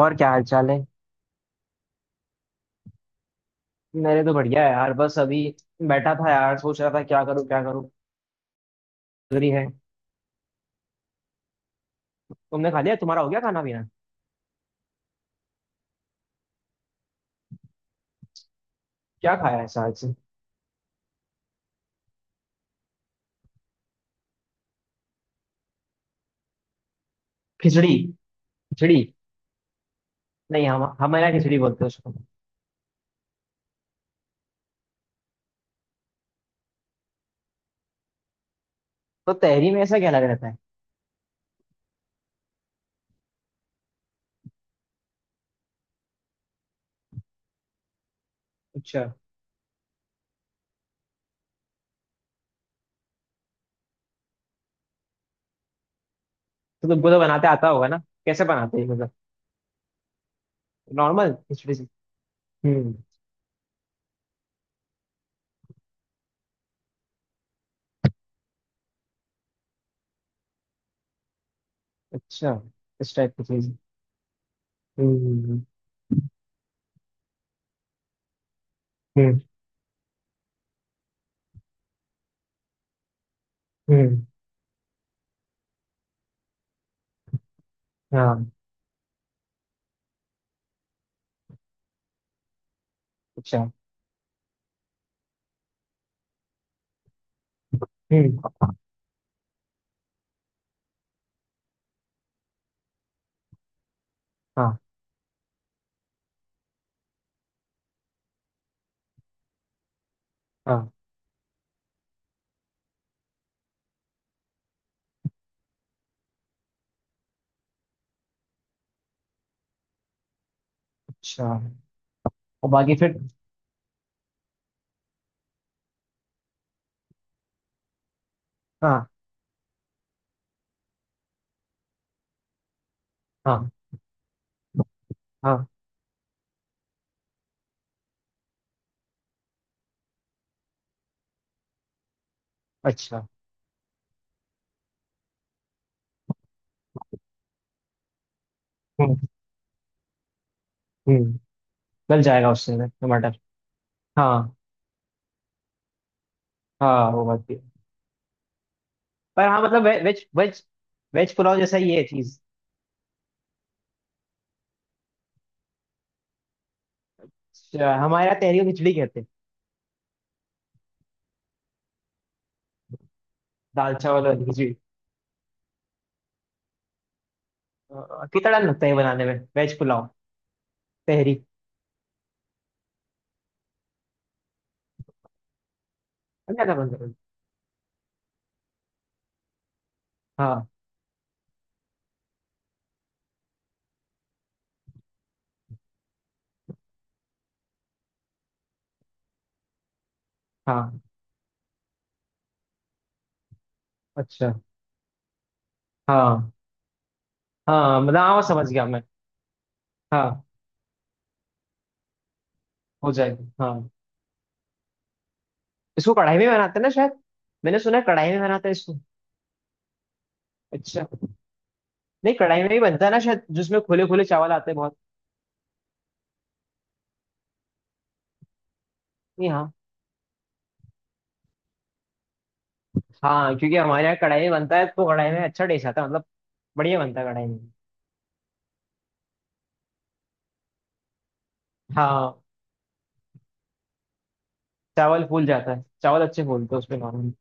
और क्या हाल चाल है। मेरे तो बढ़िया है यार, बस अभी बैठा था यार, सोच रहा था क्या करूँ क्या करूँ। खिचड़ी है। तुमने खा लिया, तुम्हारा हो गया खाना पीना? क्या खाया है आज से? खिचड़ी। खिचड़ी। नहीं, हम हमारे यहाँ खिचड़ी बोलते हैं उसको। तो तहरी में ऐसा क्या लगा रहता है? अच्छा। तो तुमको तो बनाते आता होगा ना, कैसे बनाते हैं मतलब? नॉर्मल खिचड़ी से। हम्म। अच्छा। इस टाइप की चीज? हम्म। हम्म। हम्म। हाँ। अच्छा। हम्म। हाँ हाँ। अच्छा। और बाकी फिर? हाँ। हाँ। हाँ। अच्छा। हम्म। गल जाएगा उससे ना टमाटर। हाँ। हाँ वो बात भी है। पर हाँ मतलब वे, वेज वेज वेज पुलाव जैसा ही है चीज। हमारे यहाँ तहरी को खिचड़ी कहते हैं। दाल चावल वाली खिचड़ी। कितना टाइम लगता है बनाने में वेज पुलाव? तहरी क्या था बनता है? हाँ। हाँ। अच्छा। हाँ हाँ मतलब हाँ समझ गया मैं। हाँ। हो जाएगी हाँ। इसको कढ़ाई में बनाते हैं ना शायद। मैंने सुना है कढ़ाई में बनाते हैं इसको। अच्छा। नहीं, कढ़ाई में ही बनता है ना शायद, जिसमें खुले खुले चावल आते हैं बहुत। नहीं हाँ। हाँ क्योंकि हमारे यहाँ कढ़ाई में बनता है तो कढ़ाई में अच्छा टेस्ट आता है मतलब। बढ़िया बनता है कढ़ाई में। हाँ। चावल फूल जाता है, चावल अच्छे फूलते हैं उसमें नॉर्मली।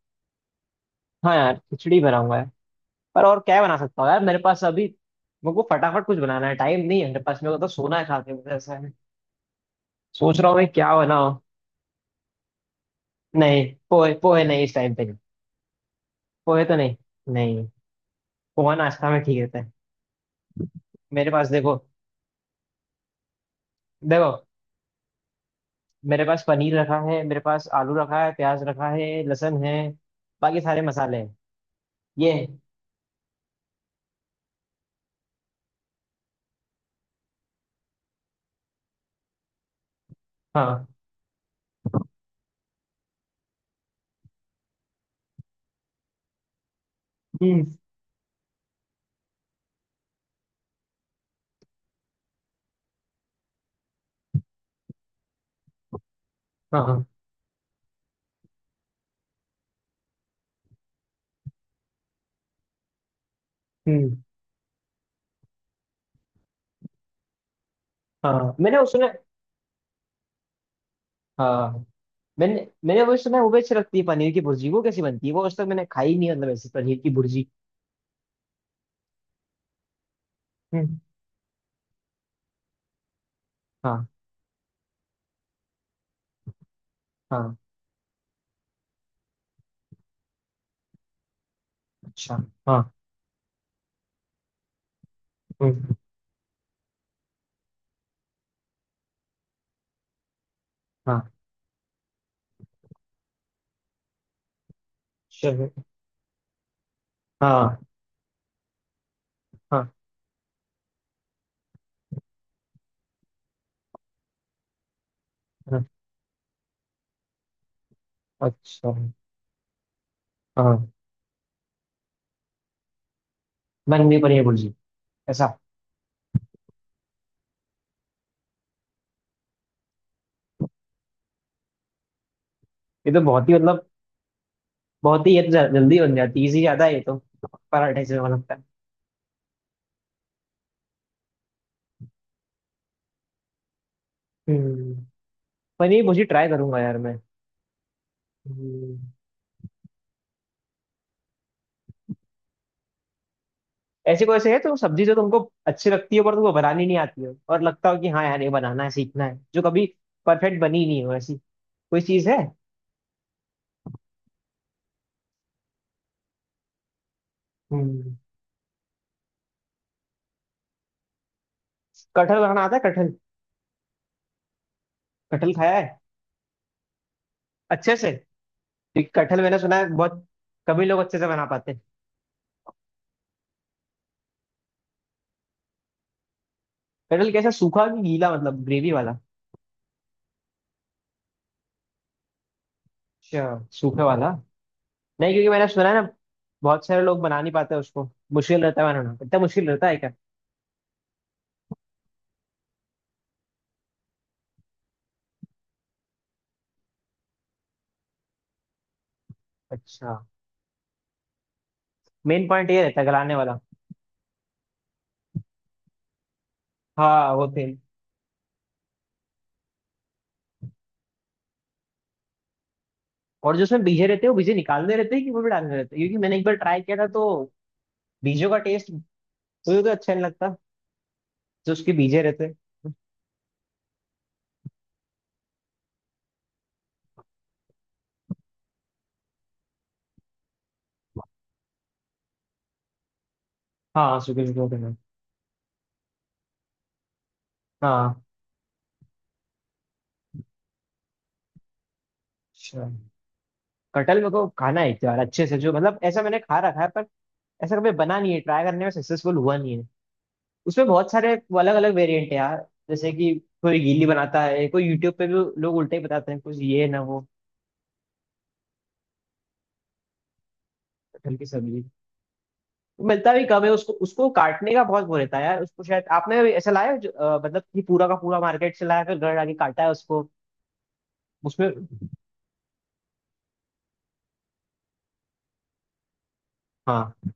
हाँ यार, खिचड़ी बनाऊंगा यार। पर और क्या बना सकता हूँ यार मेरे पास अभी? मेरे को फटाफट कुछ बनाना है, टाइम नहीं है मेरे पास। मेरे को तो सोना है खा के, मुझे ऐसा है। सोच रहा हूँ मैं क्या बनाऊँ। नहीं। पोहे पोहे नहीं, इस टाइम पे नहीं। पोहे तो नहीं। नहीं। पोहा नाश्ता में ठीक रहता है। मेरे पास देखो। देखो। मेरे पास पनीर रखा है, मेरे पास आलू रखा है, प्याज रखा है, लहसुन है। बाकी सारे मसाले हैं। ये। हाँ। हम्म। हाँ, हाँ, हम्म। हाँ। हाँ। मैंने वो सुना। हाँ, मैंने मैंने वो सुना है, वो बेच रखती है पनीर की भुर्जी, वो कैसी बनती है, वो आज तक मैंने खाई नहीं है, मतलब ऐसी पनीर की भुर्जी। हम्म। हाँ। हाँ। अच्छा। हाँ। हम्म। हाँ। चलो। हाँ हाँ। हाँ, हाँ, अच्छा। हाँ। बन गई पनीर भुर्जी ऐसा? ये तो बहुत ही मतलब, बहुत ही ये तो जल्दी बन जाती है, इजी ज्यादा है ये तो पराठे से मुझे लगता है। हम्म। पनीर भुर्जी ट्राई करूंगा यार। मैं ऐसे, कोई ऐसे है तो सब्जी जो तुमको अच्छी लगती है, पर तुमको बनानी नहीं आती हो, और लगता हो कि हाँ यार ये बनाना है, सीखना है, जो कभी परफेक्ट बनी नहीं हो ऐसी, कोई चीज है? हम्म। कटहल बनाना आता है कटहल? कटहल खाया है अच्छे से? क्योंकि कटहल मैंने सुना है बहुत कभी लोग अच्छे से बना पाते हैं। कटहल कैसा, सूखा कि गीला मतलब, ग्रेवी वाला? अच्छा, सूखे वाला। नहीं, क्योंकि मैंने सुना है ना, बहुत सारे लोग बना नहीं पाते उसको। मुश्किल रहता है बनाना, इतना मुश्किल रहता है क्या? अच्छा। मेन पॉइंट ये रहता है गलाने वाला। हाँ वो तेल। और जो उसमें बीजे रहते हैं, वो बीजे निकालने रहते हैं कि वो भी डालने रहते हैं, क्योंकि मैंने एक बार ट्राई किया था तो बीजों का टेस्ट मुझे तो अच्छा नहीं लगता, जो उसके बीजे रहते हैं। हाँ सूखे सूखे होते हैं। हाँ। अच्छा। कटहल मेरे को खाना है एक बार अच्छे से, जो मतलब ऐसा मैंने खा रखा है पर ऐसा कभी बना नहीं है, ट्राई करने में सक्सेसफुल हुआ नहीं है। उसमें बहुत सारे अलग अलग वेरिएंट है यार, जैसे कि कोई गीली बनाता है, कोई यूट्यूब पे भी लोग उल्टे ही बताते हैं कुछ ये ना वो। कटहल की सब्जी मिलता भी कम है उसको। उसको काटने का बहुत वो रहता है यार। उसको शायद आपने ऐसा लाया है जो, मतलब कि पूरा का पूरा मार्केट से लाया, फिर घर आके काटा है उसको उसमें। हाँ।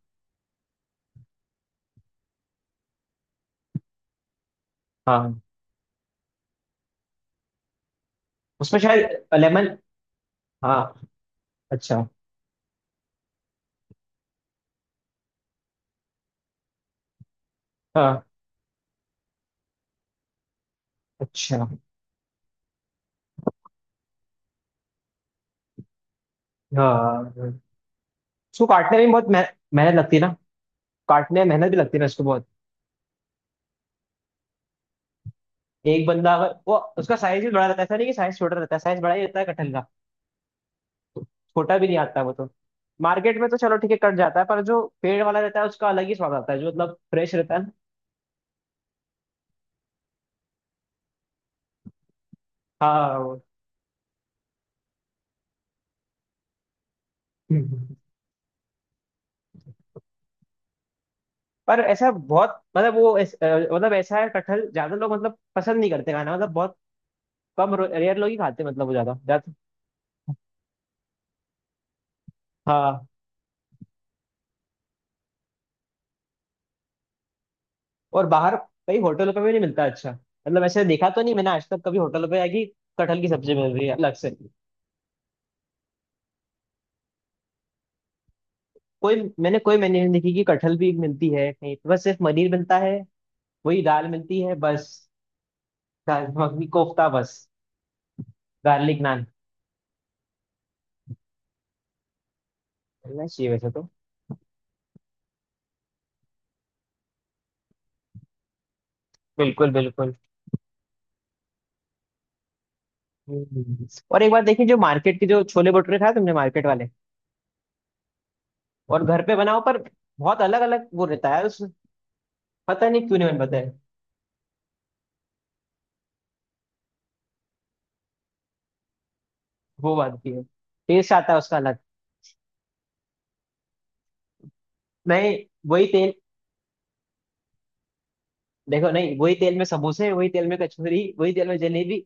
हाँ। उसमें शायद लेमन। हाँ। अच्छा। हाँ। अच्छा। हाँ। उसको काटने में बहुत मेहनत लगती है ना? काटने में मेहनत भी लगती है ना उसको बहुत। एक बंदा, अगर वो, उसका साइज भी बड़ा रहता है, ऐसा नहीं कि साइज छोटा रहता है, साइज बड़ा ही रहता है कटहल का। छोटा भी नहीं आता वो तो। मार्केट में तो चलो ठीक है कट जाता है, पर जो पेड़ वाला रहता है उसका अलग ही स्वाद आता है, जो मतलब फ्रेश रहता है ना। हाँ। वो। पर ऐसा बहुत मतलब वो मतलब ऐसा है कटहल ज्यादा लोग मतलब पसंद नहीं करते खाना, मतलब बहुत कम, रेयर लोग ही खाते हैं, मतलब वो ज्यादा ज्यादा। हाँ। और बाहर कई होटलों पे भी नहीं मिलता अच्छा मतलब, ऐसे देखा तो नहीं मैंने आज तक कभी होटलों पे आएगी कटहल की सब्जी मिल रही है अलग से कोई। मैंने कोई मेन्यू नहीं देखी कि कटहल भी मिलती है कहीं, बस सिर्फ पनीर मिलता है। वही दाल मिलती है बस। दाल मखनी, कोफ्ता बस। गार्लिक नान। मिलना चाहिए वैसे तो। बिल्कुल बिल्कुल। हम्म। और एक बार देखिए, जो मार्केट के जो छोले भटूरे खाए तुमने मार्केट वाले, और घर पे बनाओ, पर बहुत अलग अलग वो रहता है उसमें। पता नहीं क्यों नहीं बन पाता है। वो बात की है। टेस्ट आता है उसका अलग। नहीं वही तेल। देखो, नहीं वही तेल में समोसे, वही तेल में कचौरी, वही तेल में जलेबी,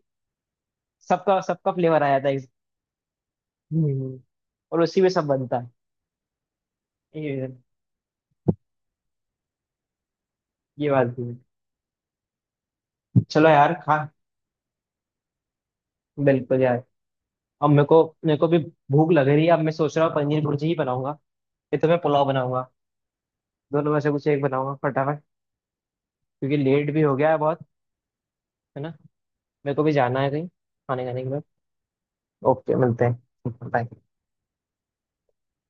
सबका सबका फ्लेवर आ जाता है। हम्म, और उसी में सब बनता है। ये ये बात भी है। चलो यार खा, बिल्कुल यार। अब मेरे को, मेरे को भी भूख लग रही है। अब मैं सोच रहा हूँ पनीर भुर्जी ही बनाऊंगा, ये तो, मैं पुलाव बनाऊंगा। दोनों में से कुछ एक बनाऊंगा फटाफट, क्योंकि लेट भी हो गया है बहुत, है ना। मेरे को भी जाना है कहीं खाने खाने के लिए। ओके, मिलते हैं, बाय।